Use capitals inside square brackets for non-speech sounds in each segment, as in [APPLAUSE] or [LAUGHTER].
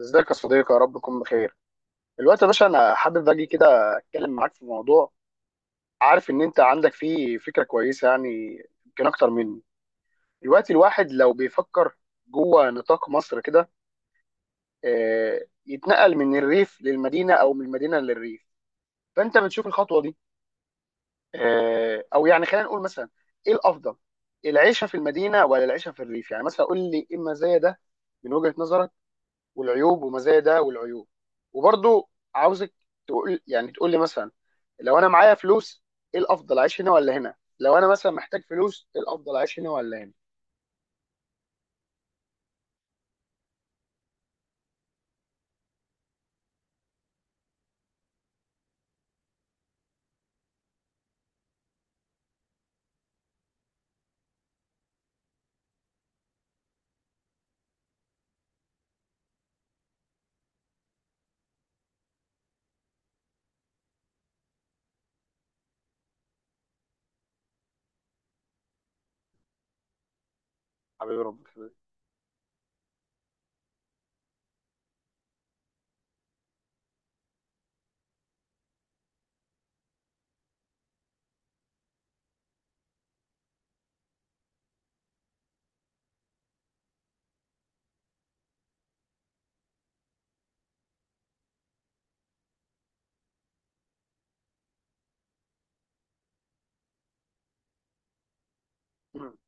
ازيك يا صديقي؟ يا رب تكون بخير. الوقت يا باشا انا حابب اجي كده اتكلم معاك في موضوع. عارف ان انت عندك فيه فكره كويسه، يعني يمكن اكتر مني. الوقت الواحد لو بيفكر جوه نطاق مصر كده، يتنقل من الريف للمدينه او من المدينه للريف، فانت بتشوف الخطوه دي او يعني خلينا نقول مثلا، ايه الافضل؟ العيشه في المدينه ولا العيشه في الريف؟ يعني مثلا قول لي ايه المزايا ده من وجهه نظرك، والعيوب ومزايا ده والعيوب. وبرضو عاوزك تقول، يعني تقول لي مثلا، لو انا معايا فلوس ايه الافضل اعيش هنا ولا هنا، لو انا مثلا محتاج فلوس ايه الافضل اعيش هنا ولا هنا. حبيبي ربنا حبيبي. مم.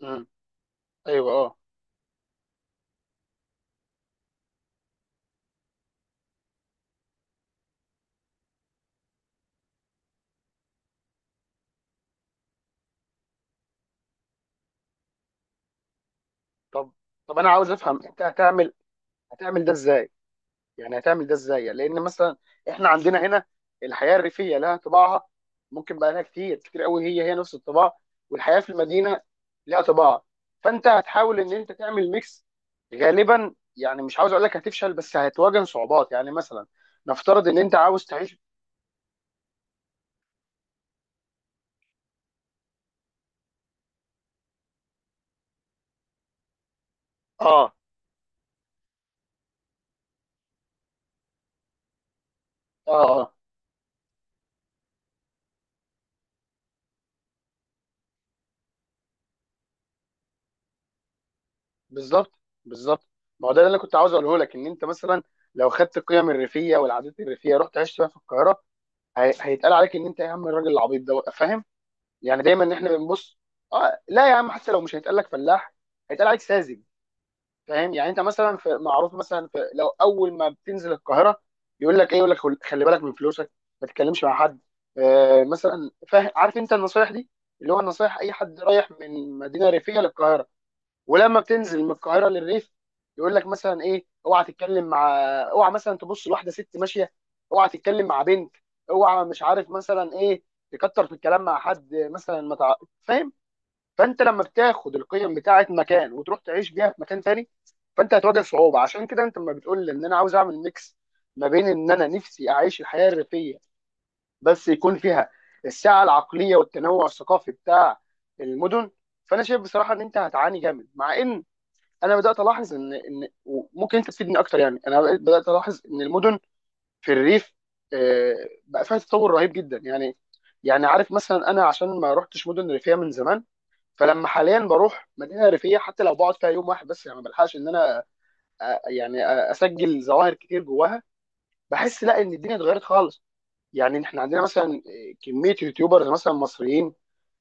مم. ايوه، اه. طب طب انا عاوز افهم، انت هتعمل ده ازاي؟ يعني هتعمل ده ازاي؟ يعني لان مثلا احنا عندنا هنا الحياه الريفيه لها طباعها، ممكن بقى لها كتير كتير قوي هي نفس الطباع، والحياه في المدينه لها طباع، فانت هتحاول ان انت تعمل ميكس. غالبا يعني مش عاوز اقول لك هتفشل، بس هتواجه صعوبات، يعني مثلا نفترض ان انت عاوز تعيش. اه، اه، اه، بالظبط، بالظبط. ما هو ده اللي انا كنت عاوز اقوله لك، ان انت مثلا لو خدت القيم الريفيه والعادات الريفيه رحت عشت فيها في القاهره، هيتقال عليك ان انت يا عم الراجل العبيط ده، فاهم؟ يعني دايما ان احنا بنبص، اه لا يا عم حتى لو مش هيتقال لك فلاح هيتقال عليك ساذج. فاهم؟ يعني انت مثلا، في معروف مثلا، في لو اول ما بتنزل القاهره يقول لك ايه، يقول لك خلي بالك من فلوسك، ما تتكلمش مع حد، مثلا، فاهم؟ عارف انت النصايح دي، اللي هو النصايح اي حد رايح من مدينه ريفيه للقاهره. ولما بتنزل من القاهره للريف يقول لك مثلا ايه، اوعى تتكلم مع، اوعى مثلا تبص لواحده ست ماشيه، اوعى تتكلم مع بنت، اوعى مش عارف مثلا ايه، تكتر في الكلام مع حد، مثلا ما تع... فاهم؟ فانت لما بتاخد القيم بتاعه مكان وتروح تعيش بيها في مكان تاني، فانت هتواجه صعوبه. عشان كده انت لما بتقول لي ان انا عاوز اعمل ميكس ما بين ان انا نفسي اعيش الحياه الريفيه بس يكون فيها السعه العقليه والتنوع الثقافي بتاع المدن، فانا شايف بصراحه ان انت هتعاني جامد. مع ان انا بدات الاحظ ان ممكن انت تفيدني اكتر، يعني انا بدات الاحظ ان المدن في الريف آه، بقى فيها تطور رهيب جدا. يعني يعني عارف مثلا، انا عشان ما رحتش مدن ريفيه من زمان، فلما حاليا بروح مدينه ريفيه حتى لو بقعد فيها يوم واحد بس، يعني ما بلحقش ان انا يعني اسجل ظواهر كتير جواها. بحس لا ان الدنيا اتغيرت خالص. يعني احنا عندنا مثلا كميه يوتيوبرز مثلا مصريين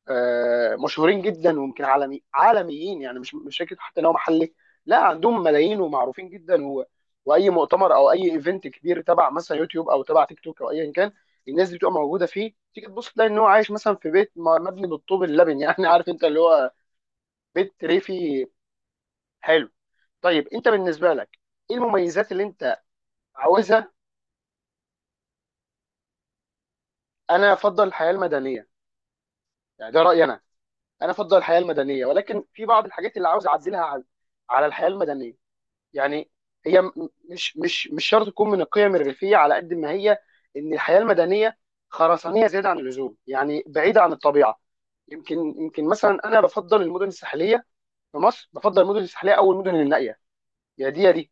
مشهورين جدا، ويمكن عالميين، يعني مش فكره حتى ان هو محلي، لا عندهم ملايين ومعروفين جدا، واي مؤتمر او اي ايفنت كبير تبع مثلا يوتيوب او تبع تيك توك او ايا كان الناس دي بتبقى موجوده فيه. تيجي تبص تلاقي ان هو عايش مثلا في بيت مبني بالطوب اللبن [LAUGHS] يعني عارف انت اللي هو بيت ريفي. حلو. طيب انت بالنسبه لك ايه المميزات اللي انت عاوزها؟ انا افضل الحياه المدنيه، يعني ده رايي انا. انا افضل الحياه المدنيه ولكن في بعض الحاجات اللي عاوز اعدلها على الحياه المدنيه. يعني هي مش شرط تكون من القيم الريفيه على قد ما هي ان الحياه المدنيه خرسانيه زياده عن اللزوم، يعني بعيده عن الطبيعه. يمكن مثلا انا بفضل المدن الساحليه، في مصر بفضل المدن الساحليه او المدن النائيه، يا دي يا دي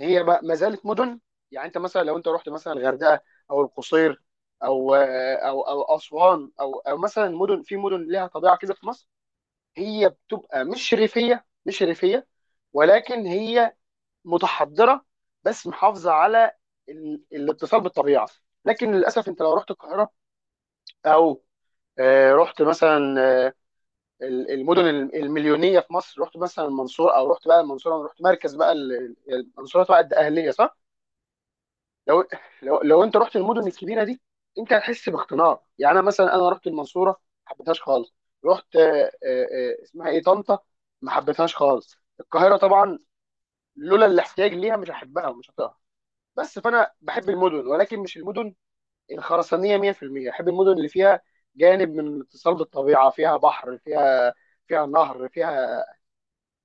هي ما زالت مدن. يعني انت مثلا لو انت رحت مثلا الغردقه او القصير او اسوان او مثلا مدن، في مدن لها طبيعه كده في مصر، هي بتبقى مش ريفيه مش ريفيه، ولكن هي متحضره بس محافظه على الاتصال بالطبيعه. لكن للاسف انت لو رحت القاهره او رحت مثلا، آه، المدن المليونيه في مصر، رحت مثلا المنصوره، او رحت بقى المنصوره رحت مركز بقى المنصوره تبع الاهليه، صح؟ لو انت رحت المدن الكبيره دي انت هتحس باختناق. يعني انا مثلا انا رحت المنصوره ما حبيتهاش خالص. رحت اسمها ايه، طنطا، ما حبيتهاش خالص. القاهره طبعا لولا الاحتياج ليها مش هحبها ومش هطيقها. بس فانا بحب المدن، ولكن مش المدن الخرسانيه 100%. بحب المدن اللي فيها جانب من الاتصال بالطبيعه، فيها بحر، فيها نهر، فيها،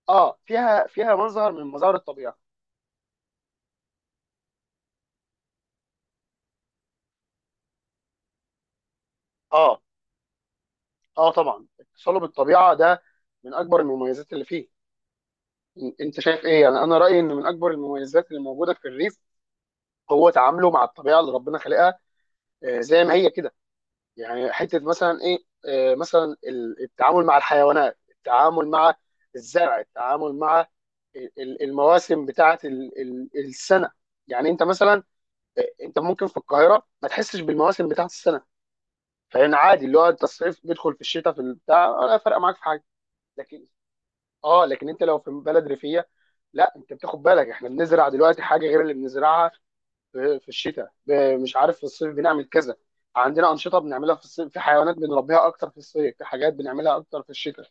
اه، فيها، مظهر من مظاهر الطبيعه. اه، اه، طبعا اتصاله بالطبيعه ده من اكبر المميزات اللي فيه. انت شايف ايه؟ يعني انا رايي ان من اكبر المميزات اللي موجوده في الريف هو تعامله مع الطبيعه اللي ربنا خلقها زي ما هي كده. يعني حته مثلا ايه، مثلا التعامل مع الحيوانات، التعامل مع الزرع، التعامل مع المواسم بتاعت السنه. يعني انت مثلا انت ممكن في القاهره ما تحسش بالمواسم بتاعت السنه. فان عادي اللي هو انت الصيف بيدخل في الشتاء في البتاع ولا فارقه معاك في حاجه. لكن اه، لكن انت لو في بلد ريفيه، لا انت بتاخد بالك، احنا بنزرع دلوقتي حاجه غير اللي بنزرعها في الشتاء، مش عارف، في الصيف بنعمل كذا، عندنا انشطه بنعملها في الصيف، في حيوانات بنربيها اكتر في الصيف، في حاجات بنعملها اكتر في الشتاء.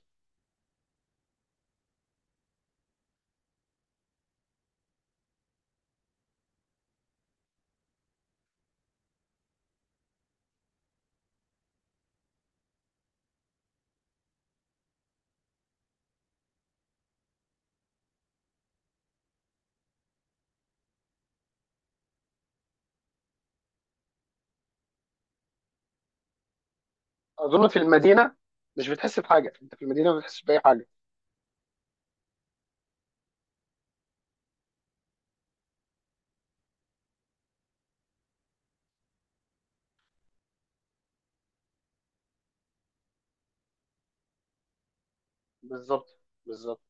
اظن في المدينه مش بتحس بحاجه، انت في المدينه ما بتحسش باي حاجه. بالظبط، بالظبط.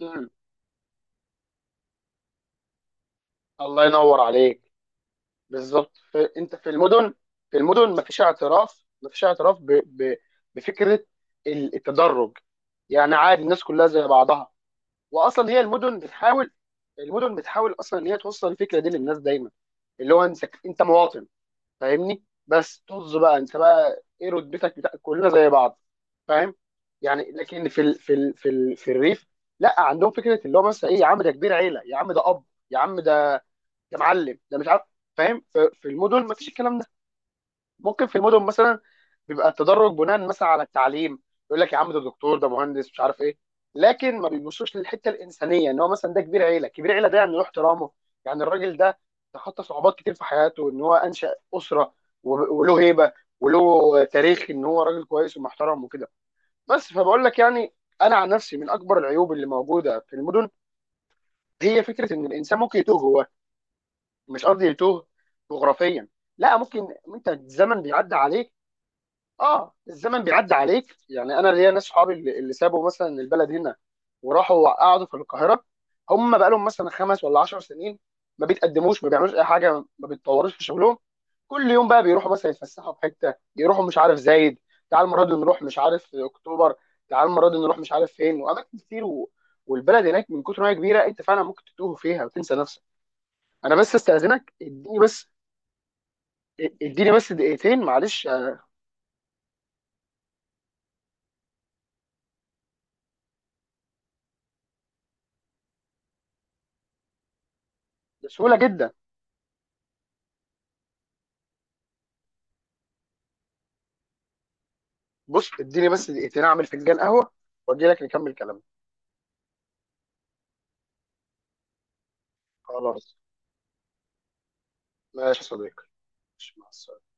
مم. الله ينور عليك. بالظبط. انت في المدن، في المدن مفيش اعتراف، مفيش اعتراف بفكره التدرج. يعني عادي الناس كلها زي بعضها. واصلا هي المدن بتحاول، المدن بتحاول اصلا ان هي توصل الفكره دي للناس دايما، اللي هو انت مواطن فاهمني، بس طز بقى، انت بقى ايه رتبتك بتاع، كلنا زي بعض. فاهم؟ يعني لكن في في الريف لا عندهم فكره، اللي هو مثلا ايه، يا عم ده كبير عيله، يا عم ده اب، يا عم ده، ده معلم، ده مش عارف. فاهم؟ في المدن ما فيش الكلام ده. ممكن في المدن مثلا بيبقى التدرج بناء مثلا على التعليم، يقول لك يا عم ده دكتور، ده مهندس، مش عارف ايه. لكن ما بيبصوش للحته الانسانيه ان هو مثلا ده كبير عيله، كبير عيله ده يعني له احترامه. يعني الراجل ده تخطى صعوبات كتير في حياته، ان هو انشا اسره، وله هيبه وله تاريخ ان هو راجل كويس ومحترم وكده. بس فبقول لك يعني، انا عن نفسي، من اكبر العيوب اللي موجوده في المدن هي فكره ان الانسان ممكن يتوه. هو مش قصدي تهت جغرافيا، لا ممكن انت الزمن بيعدي عليك. اه، الزمن بيعدي عليك. يعني انا ليا ناس صحابي اللي سابوا مثلا البلد هنا وراحوا قعدوا في القاهره، هم بقى لهم مثلا 5 ولا 10 سنين، ما بيتقدموش ما بيعملوش اي حاجه ما بيتطوروش في شغلهم. كل يوم بقى بيروحوا مثلا يتفسحوا في حته، يروحوا مش عارف زايد، تعال المره دي نروح مش عارف اكتوبر، تعال المره دي نروح مش عارف فين، واماكن كتير، والبلد هناك من كتر ما هي كبيره انت فعلا ممكن تتوه فيها وتنسى نفسك. انا بس استاذنك، اديني بس، اديني بس دقيقتين معلش. بسهوله جدا. بص اديني بس دقيقتين اعمل فنجان قهوه واجي لك نكمل كلامنا. خلاص. ماشي يا صديقي. ماشي، مع السلامة.